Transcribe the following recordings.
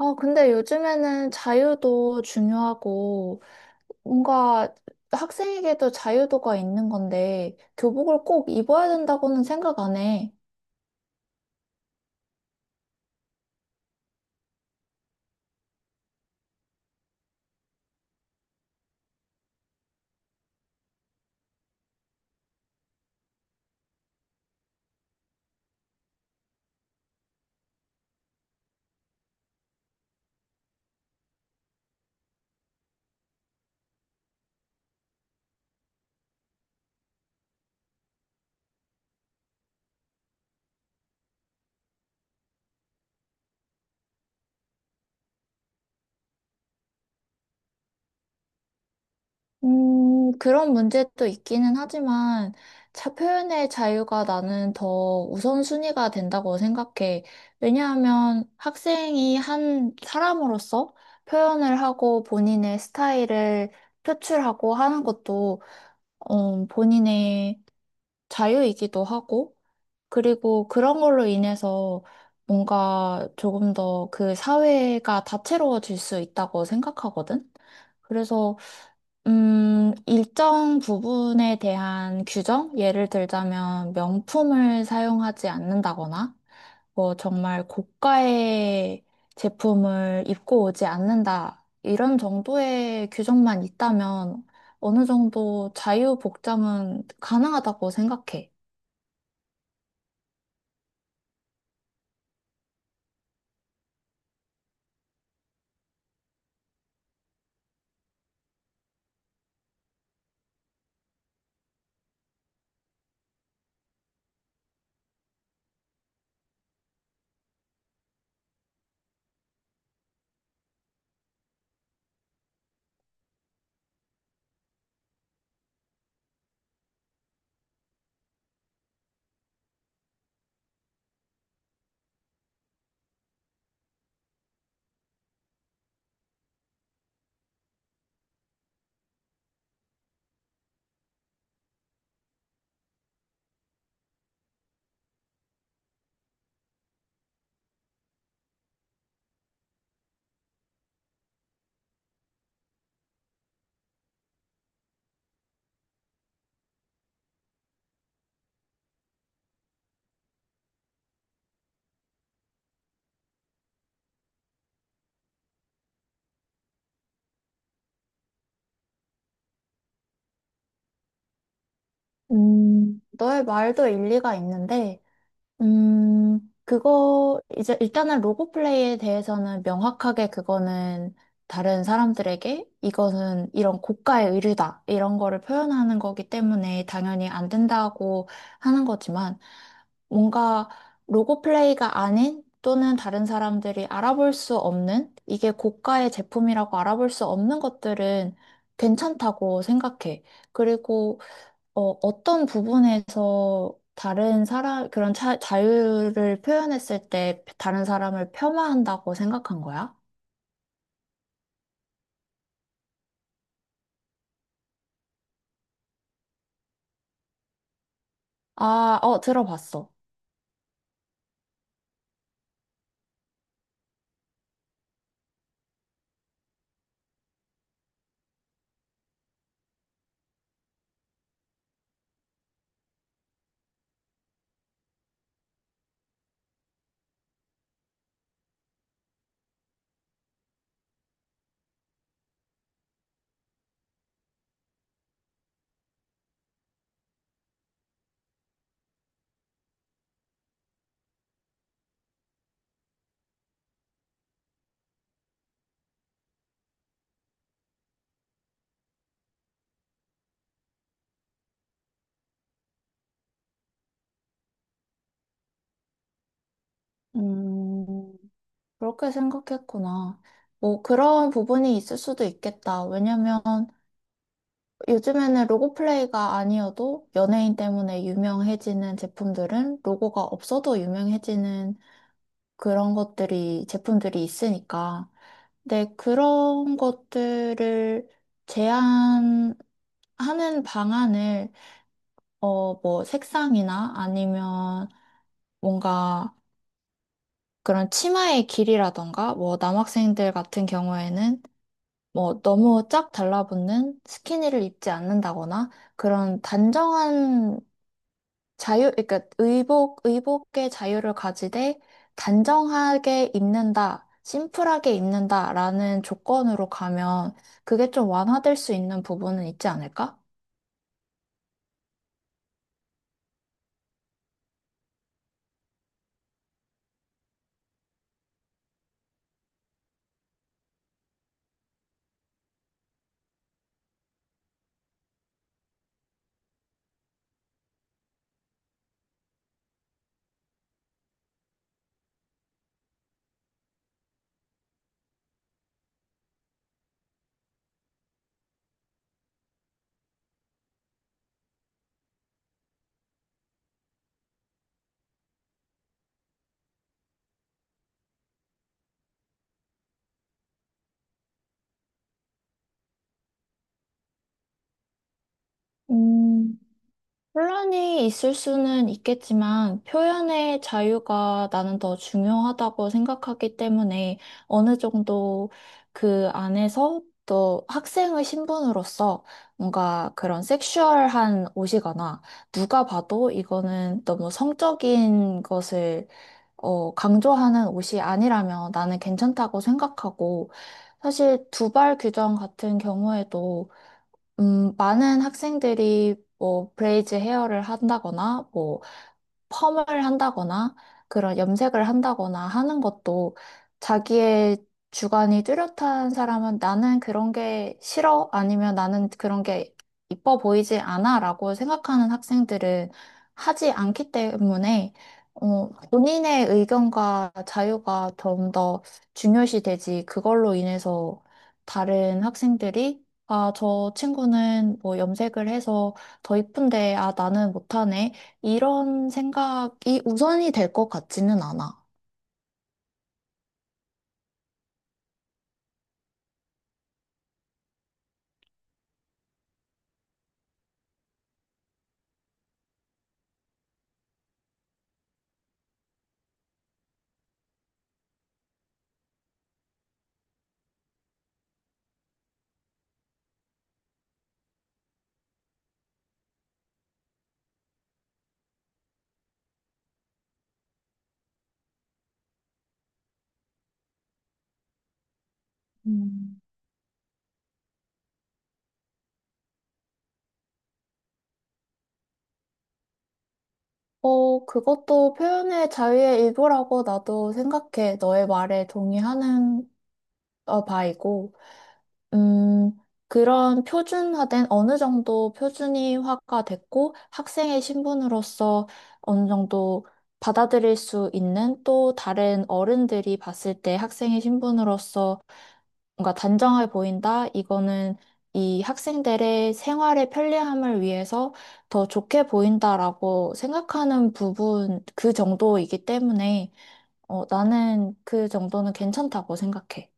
아, 근데 요즘에는 자유도 중요하고, 뭔가 학생에게도 자유도가 있는 건데, 교복을 꼭 입어야 된다고는 생각 안 해. 그런 문제도 있기는 하지만, 자, 표현의 자유가 나는 더 우선순위가 된다고 생각해. 왜냐하면 학생이 한 사람으로서 표현을 하고 본인의 스타일을 표출하고 하는 것도, 본인의 자유이기도 하고, 그리고 그런 걸로 인해서 뭔가 조금 더 그 사회가 다채로워질 수 있다고 생각하거든. 그래서, 일정 부분에 대한 규정? 예를 들자면 명품을 사용하지 않는다거나, 뭐 정말 고가의 제품을 입고 오지 않는다. 이런 정도의 규정만 있다면 어느 정도 자유복장은 가능하다고 생각해. 너의 말도 일리가 있는데, 음, 이제 일단은 로고 플레이에 대해서는 명확하게 그거는 다른 사람들에게 이거는 이런 고가의 의류다, 이런 거를 표현하는 거기 때문에 당연히 안 된다고 하는 거지만, 뭔가 로고 플레이가 아닌 또는 다른 사람들이 알아볼 수 없는, 이게 고가의 제품이라고 알아볼 수 없는 것들은 괜찮다고 생각해. 그리고 어떤 부분에서 자유를 표현했을 때 다른 사람을 폄하한다고 생각한 거야? 아, 어, 들어봤어. 음, 그렇게 생각했구나. 뭐, 그런 부분이 있을 수도 있겠다. 왜냐면 요즘에는 로고 플레이가 아니어도 연예인 때문에 유명해지는 제품들은 로고가 없어도 유명해지는 제품들이 있으니까. 네, 그런 것들을 제한하는 방안을, 뭐, 색상이나 아니면 뭔가 그런 치마의 길이라던가, 뭐, 남학생들 같은 경우에는 뭐, 너무 쫙 달라붙는 스키니를 입지 않는다거나, 그런 단정한 그러니까 의복의 자유를 가지되 단정하게 입는다, 심플하게 입는다라는 조건으로 가면 그게 좀 완화될 수 있는 부분은 있지 않을까? 음. 혼란이 있을 수는 있겠지만 표현의 자유가 나는 더 중요하다고 생각하기 때문에 어느 정도 그 안에서 또 학생의 신분으로서 뭔가 그런 섹슈얼한 옷이거나 누가 봐도 이거는 너무 성적인 것을 강조하는 옷이 아니라면 나는 괜찮다고 생각하고 사실 두발 규정 같은 경우에도 많은 학생들이 뭐 브레이즈 헤어를 한다거나 뭐 펌을 한다거나 그런 염색을 한다거나 하는 것도 자기의 주관이 뚜렷한 사람은 나는 그런 게 싫어 아니면 나는 그런 게 이뻐 보이지 않아라고 생각하는 학생들은 하지 않기 때문에 본인의 의견과 자유가 좀 더 중요시 되지 그걸로 인해서 다른 학생들이 아, 저 친구는 뭐 염색을 해서 더 이쁜데, 아, 나는 못하네. 이런 생각이 우선이 될 것 같지는 않아. 음. 그것도 표현의 자유의 일부라고 나도 생각해. 너의 말에 동의하는 바이고. 음, 그런 표준화된 어느 정도 표준이화가 됐고 학생의 신분으로서 어느 정도 받아들일 수 있는 또 다른 어른들이 봤을 때 학생의 신분으로서 뭔가 단정해 보인다. 이거는 이 학생들의 생활의 편리함을 위해서 더 좋게 보인다라고 생각하는 부분 그 정도이기 때문에 나는 그 정도는 괜찮다고 생각해.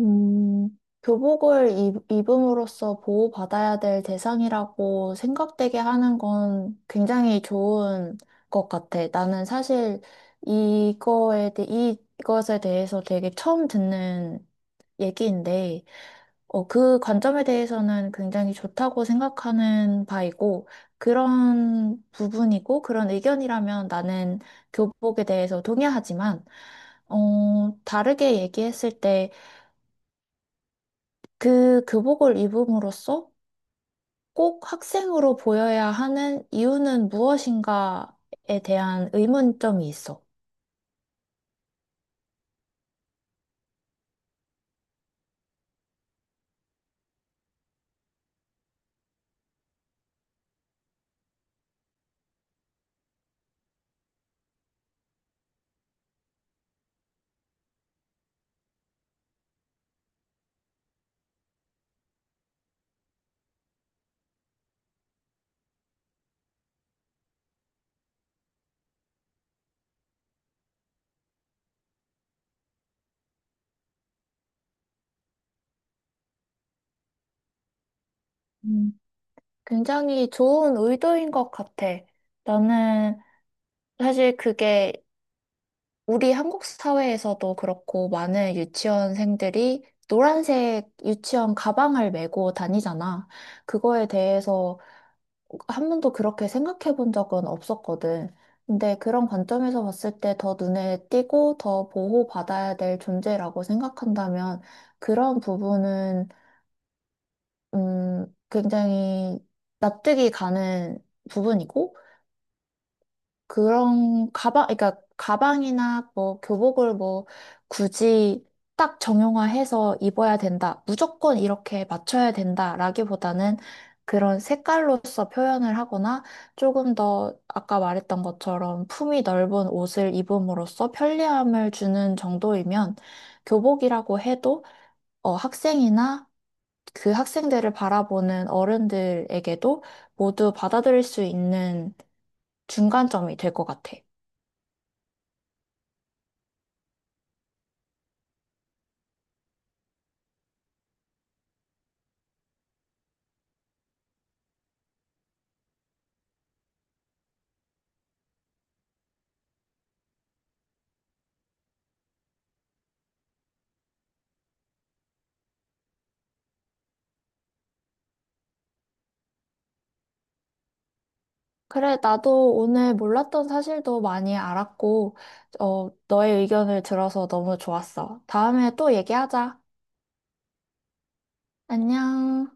음, 입음으로써 보호받아야 될 대상이라고 생각되게 하는 건 굉장히 좋은 것 같아. 나는 사실 이거에 대, 이것에 대해서 되게 처음 듣는 얘기인데, 그 관점에 대해서는 굉장히 좋다고 생각하는 바이고, 그런 의견이라면 나는 교복에 대해서 동의하지만, 다르게 얘기했을 때, 그 교복을 입음으로써 꼭 학생으로 보여야 하는 이유는 무엇인가에 대한 의문점이 있어. 음, 굉장히 좋은 의도인 것 같아. 나는 사실 그게 우리 한국 사회에서도 그렇고 많은 유치원생들이 노란색 유치원 가방을 메고 다니잖아. 그거에 대해서 한 번도 그렇게 생각해 본 적은 없었거든. 근데 그런 관점에서 봤을 때 더 눈에 띄고 더 보호받아야 될 존재라고 생각한다면 그런 부분은, 굉장히 납득이 가는 부분이고, 그러니까 가방이나 뭐 교복을 뭐 굳이 딱 정형화해서 입어야 된다. 무조건 이렇게 맞춰야 된다라기보다는 그런 색깔로서 표현을 하거나 조금 더 아까 말했던 것처럼 품이 넓은 옷을 입음으로써 편리함을 주는 정도이면 교복이라고 해도 학생이나 그 학생들을 바라보는 어른들에게도 모두 받아들일 수 있는 중간점이 될 것 같아. 그래, 나도 오늘 몰랐던 사실도 많이 알았고, 너의 의견을 들어서 너무 좋았어. 다음에 또 얘기하자. 안녕.